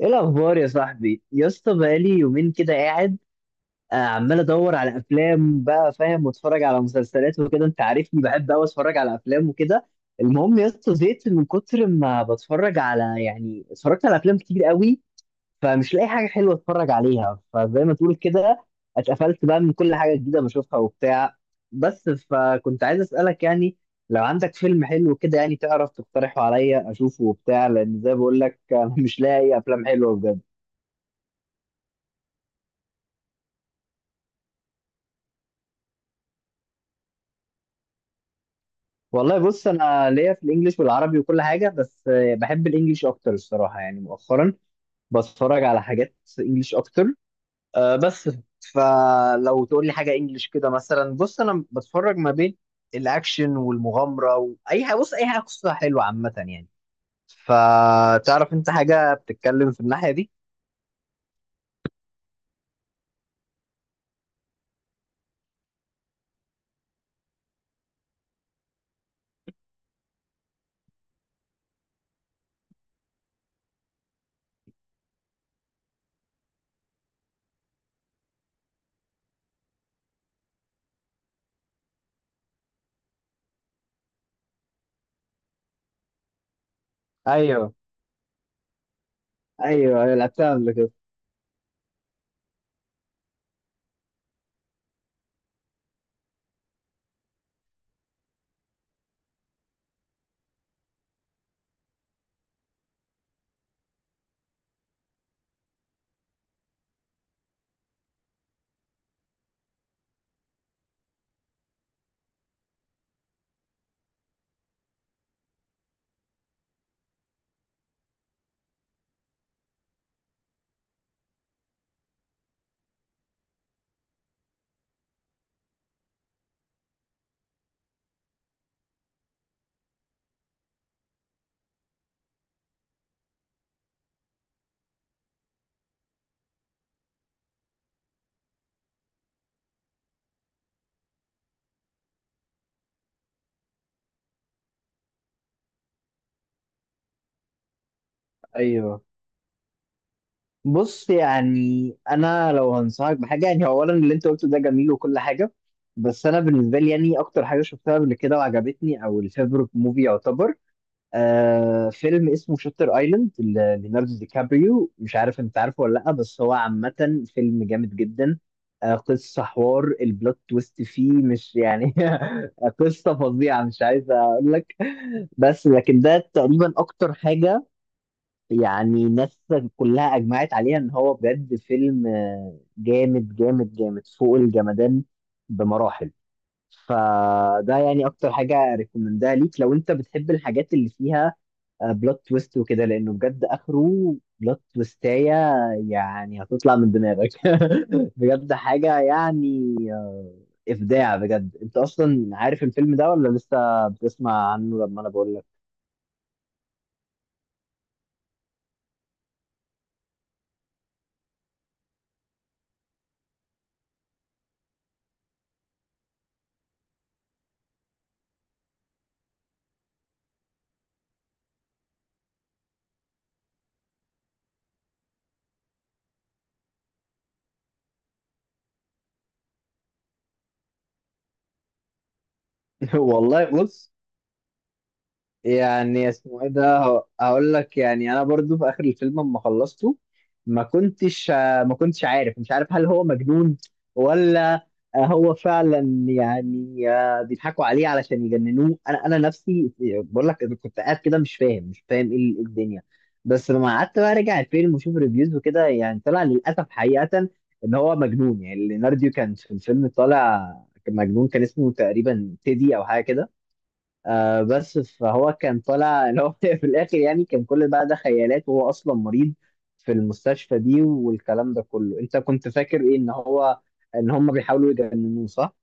ايه الاخبار يا صاحبي يا اسطى؟ بقالي يومين كده قاعد. عمال ادور على افلام، بقى فاهم، واتفرج على مسلسلات وكده. انت عارفني بحب قوي اتفرج على افلام وكده. المهم يا اسطى، زهقت من كتر ما بتفرج على اتفرجت على افلام كتير قوي، فمش لاقي حاجه حلوه اتفرج عليها، فزي ما تقول كده اتقفلت بقى من كل حاجه جديده بشوفها وبتاع. بس فكنت عايز اسالك، يعني لو عندك فيلم حلو كده يعني، تعرف تقترحه عليا اشوفه وبتاع، لان زي ما بقول لك مش لاقي افلام حلوه بجد. والله بص، انا ليا في الانجليش والعربي وكل حاجه، بس بحب الانجليش اكتر الصراحه، يعني مؤخرا بتفرج على حاجات انجليش اكتر. بس فلو تقول لي حاجه انجليش كده مثلا، بص انا بتفرج ما بين الاكشن والمغامره، واي حاجه، بص اي حاجه قصه حلوه عامه يعني. فتعرف انت حاجه بتتكلم في الناحيه دي؟ ايوه. ايوه، أيوة، لعبتها قبل كده. ايوه. بص يعني، انا لو هنصحك بحاجه يعني، اولا اللي انت قلته ده جميل وكل حاجه، بس انا بالنسبه لي يعني، اكتر حاجه شفتها قبل كده وعجبتني او الفيفورت موفي يعتبر، آه، فيلم اسمه شاتر ايلاند، ليوناردو دي كابريو. مش عارف انت عارفه ولا لا، بس هو عامه فيلم جامد جدا. آه، قصه حوار البلوت تويست فيه مش يعني قصه فظيعه، مش عايز اقول لك. بس لكن ده تقريبا اكتر حاجه يعني الناس كلها اجمعت عليها ان هو بجد فيلم جامد جامد فوق الجمدان بمراحل. فده يعني اكتر حاجه ريكومندها ليك لو انت بتحب الحاجات اللي فيها بلوت تويست وكده، لانه بجد اخره بلوت تويستايه يعني، هتطلع من دماغك بجد حاجه يعني ابداع بجد. انت اصلا عارف الفيلم ده ولا لسه بتسمع عنه لما انا بقول لك؟ والله بص، يعني اسمه ايه ده هقول لك. يعني انا برضو في اخر الفيلم لما خلصته ما كنتش ما كنتش عارف، مش عارف هل هو مجنون ولا هو فعلا يعني بيضحكوا عليه علشان يجننوه. انا نفسي بقول لك أنا كنت قاعد كده مش فاهم إيه الدنيا. بس لما قعدت بقى راجع الفيلم وشوف ريفيوز وكده، يعني طلع للاسف حقيقة ان هو مجنون. يعني ليوناردو كان في الفيلم طالع مجنون، كان اسمه تقريبا تيدي او حاجة كده. بس فهو كان طالع اللي هو في الاخر يعني كان كل بقى ده خيالات، وهو اصلا مريض في المستشفى دي والكلام ده كله. انت كنت فاكر ايه، ان هم بيحاولوا يجننوه صح؟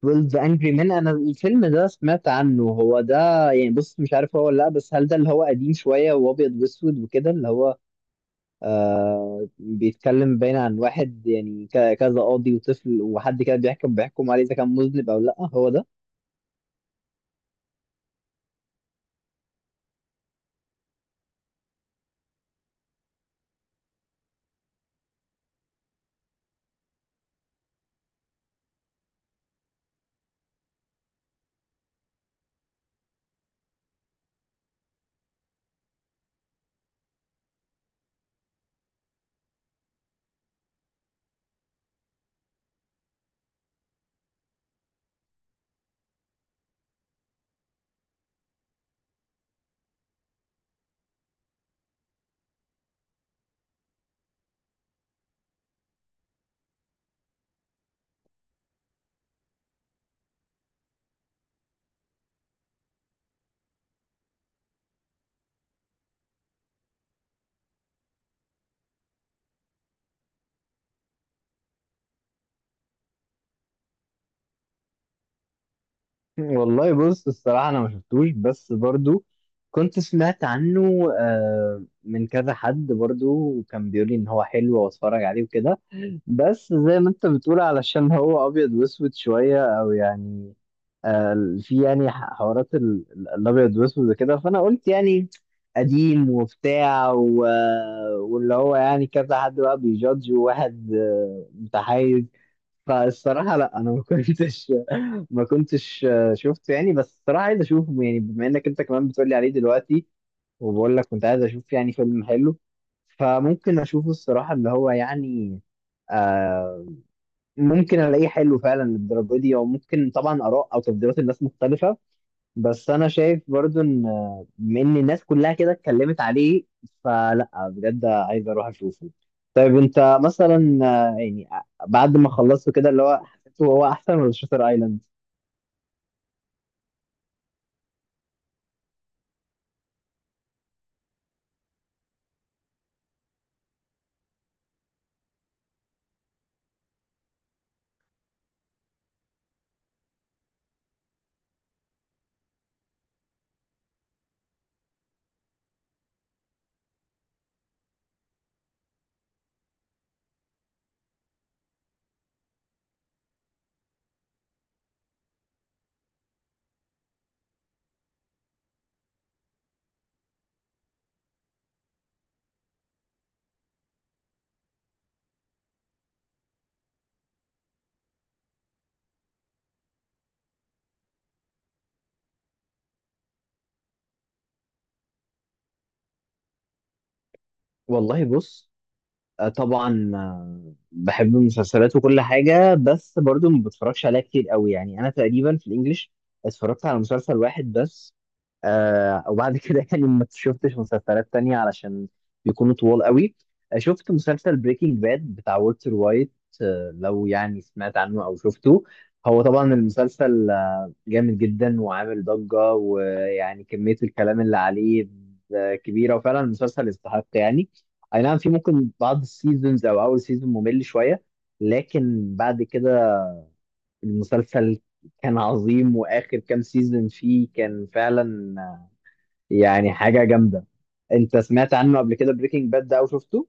12 Angry Men، انا الفيلم ده سمعت عنه. هو ده يعني، بص مش عارف هو ولا لا، بس هل ده اللي هو قديم شوية وابيض واسود وكده، اللي هو آه بيتكلم باين عن واحد يعني، كذا قاضي وطفل وحد كده بيحكم عليه اذا كان مذنب او لا، هو ده؟ والله بص الصراحة، أنا ما شفتوش، بس برضو كنت سمعت عنه من كذا حد برضو، وكان بيقول لي إن هو حلو وأتفرج عليه وكده. بس زي ما أنت بتقول، علشان هو أبيض وأسود شوية، أو يعني في يعني حوارات الأبيض وأسود وكده، فأنا قلت يعني قديم وبتاع، و... واللي هو يعني كذا حد بقى بيجادج، وواحد متحيز. فالصراحة لا، أنا ما كنتش شفته يعني، بس الصراحة عايز اشوفه يعني، بما انك انت كمان بتقولي عليه دلوقتي، وبقول لك كنت عايز اشوف يعني فيلم حلو، فممكن اشوفه الصراحة. اللي هو يعني آه ممكن الاقيه حلو فعلا للدرجة دي، او ممكن طبعا اراء او تفضيلات الناس مختلفة. بس انا شايف برضو ان بما ان الناس كلها كده اتكلمت عليه، فلا بجد عايز اروح اشوفه. طيب انت مثلا بعد ما خلصته كده اللي هو حسيته، هو احسن ولا شاتر ايلاند؟ والله بص، طبعا بحب المسلسلات وكل حاجة، بس برضو ما بتفرجش عليها كتير قوي. يعني أنا تقريبا في الإنجليش اتفرجت على مسلسل واحد بس، آه، وبعد كده يعني ما شفتش مسلسلات تانية علشان بيكونوا طوال قوي. شفت مسلسل بريكنج باد بتاع والتر وايت. آه، لو يعني سمعت عنه أو شفته، هو طبعا المسلسل جامد جدا وعامل ضجة، ويعني كمية الكلام اللي عليه كبيرة، وفعلا المسلسل يستحق يعني. أي نعم، في ممكن بعض السيزونز أو أول سيزون ممل شوية، لكن بعد كده المسلسل كان عظيم، وآخر كام سيزون فيه كان فعلا يعني حاجة جامدة. أنت سمعت عنه قبل كده بريكنج باد ده أو شفته؟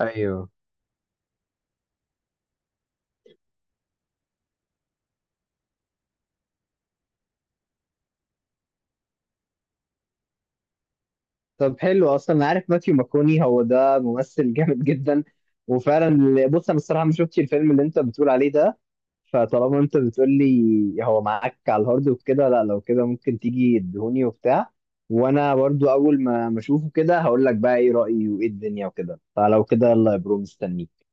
ايوه. طب حلو. اصلا انا عارف ماثيو ماكوني، هو ده ممثل جامد جدا. وفعلا بص انا الصراحه ما شفتش الفيلم اللي انت بتقول عليه ده، فطالما انت بتقول لي هو معاك على الهارد وكده، لا لو كده ممكن تيجي تدهوني وبتاع، وانا برضو اول ما اشوفه كده هقول لك بقى ايه رأيي وايه الدنيا وكده، فلو كده يلا يا برو، مستنيك.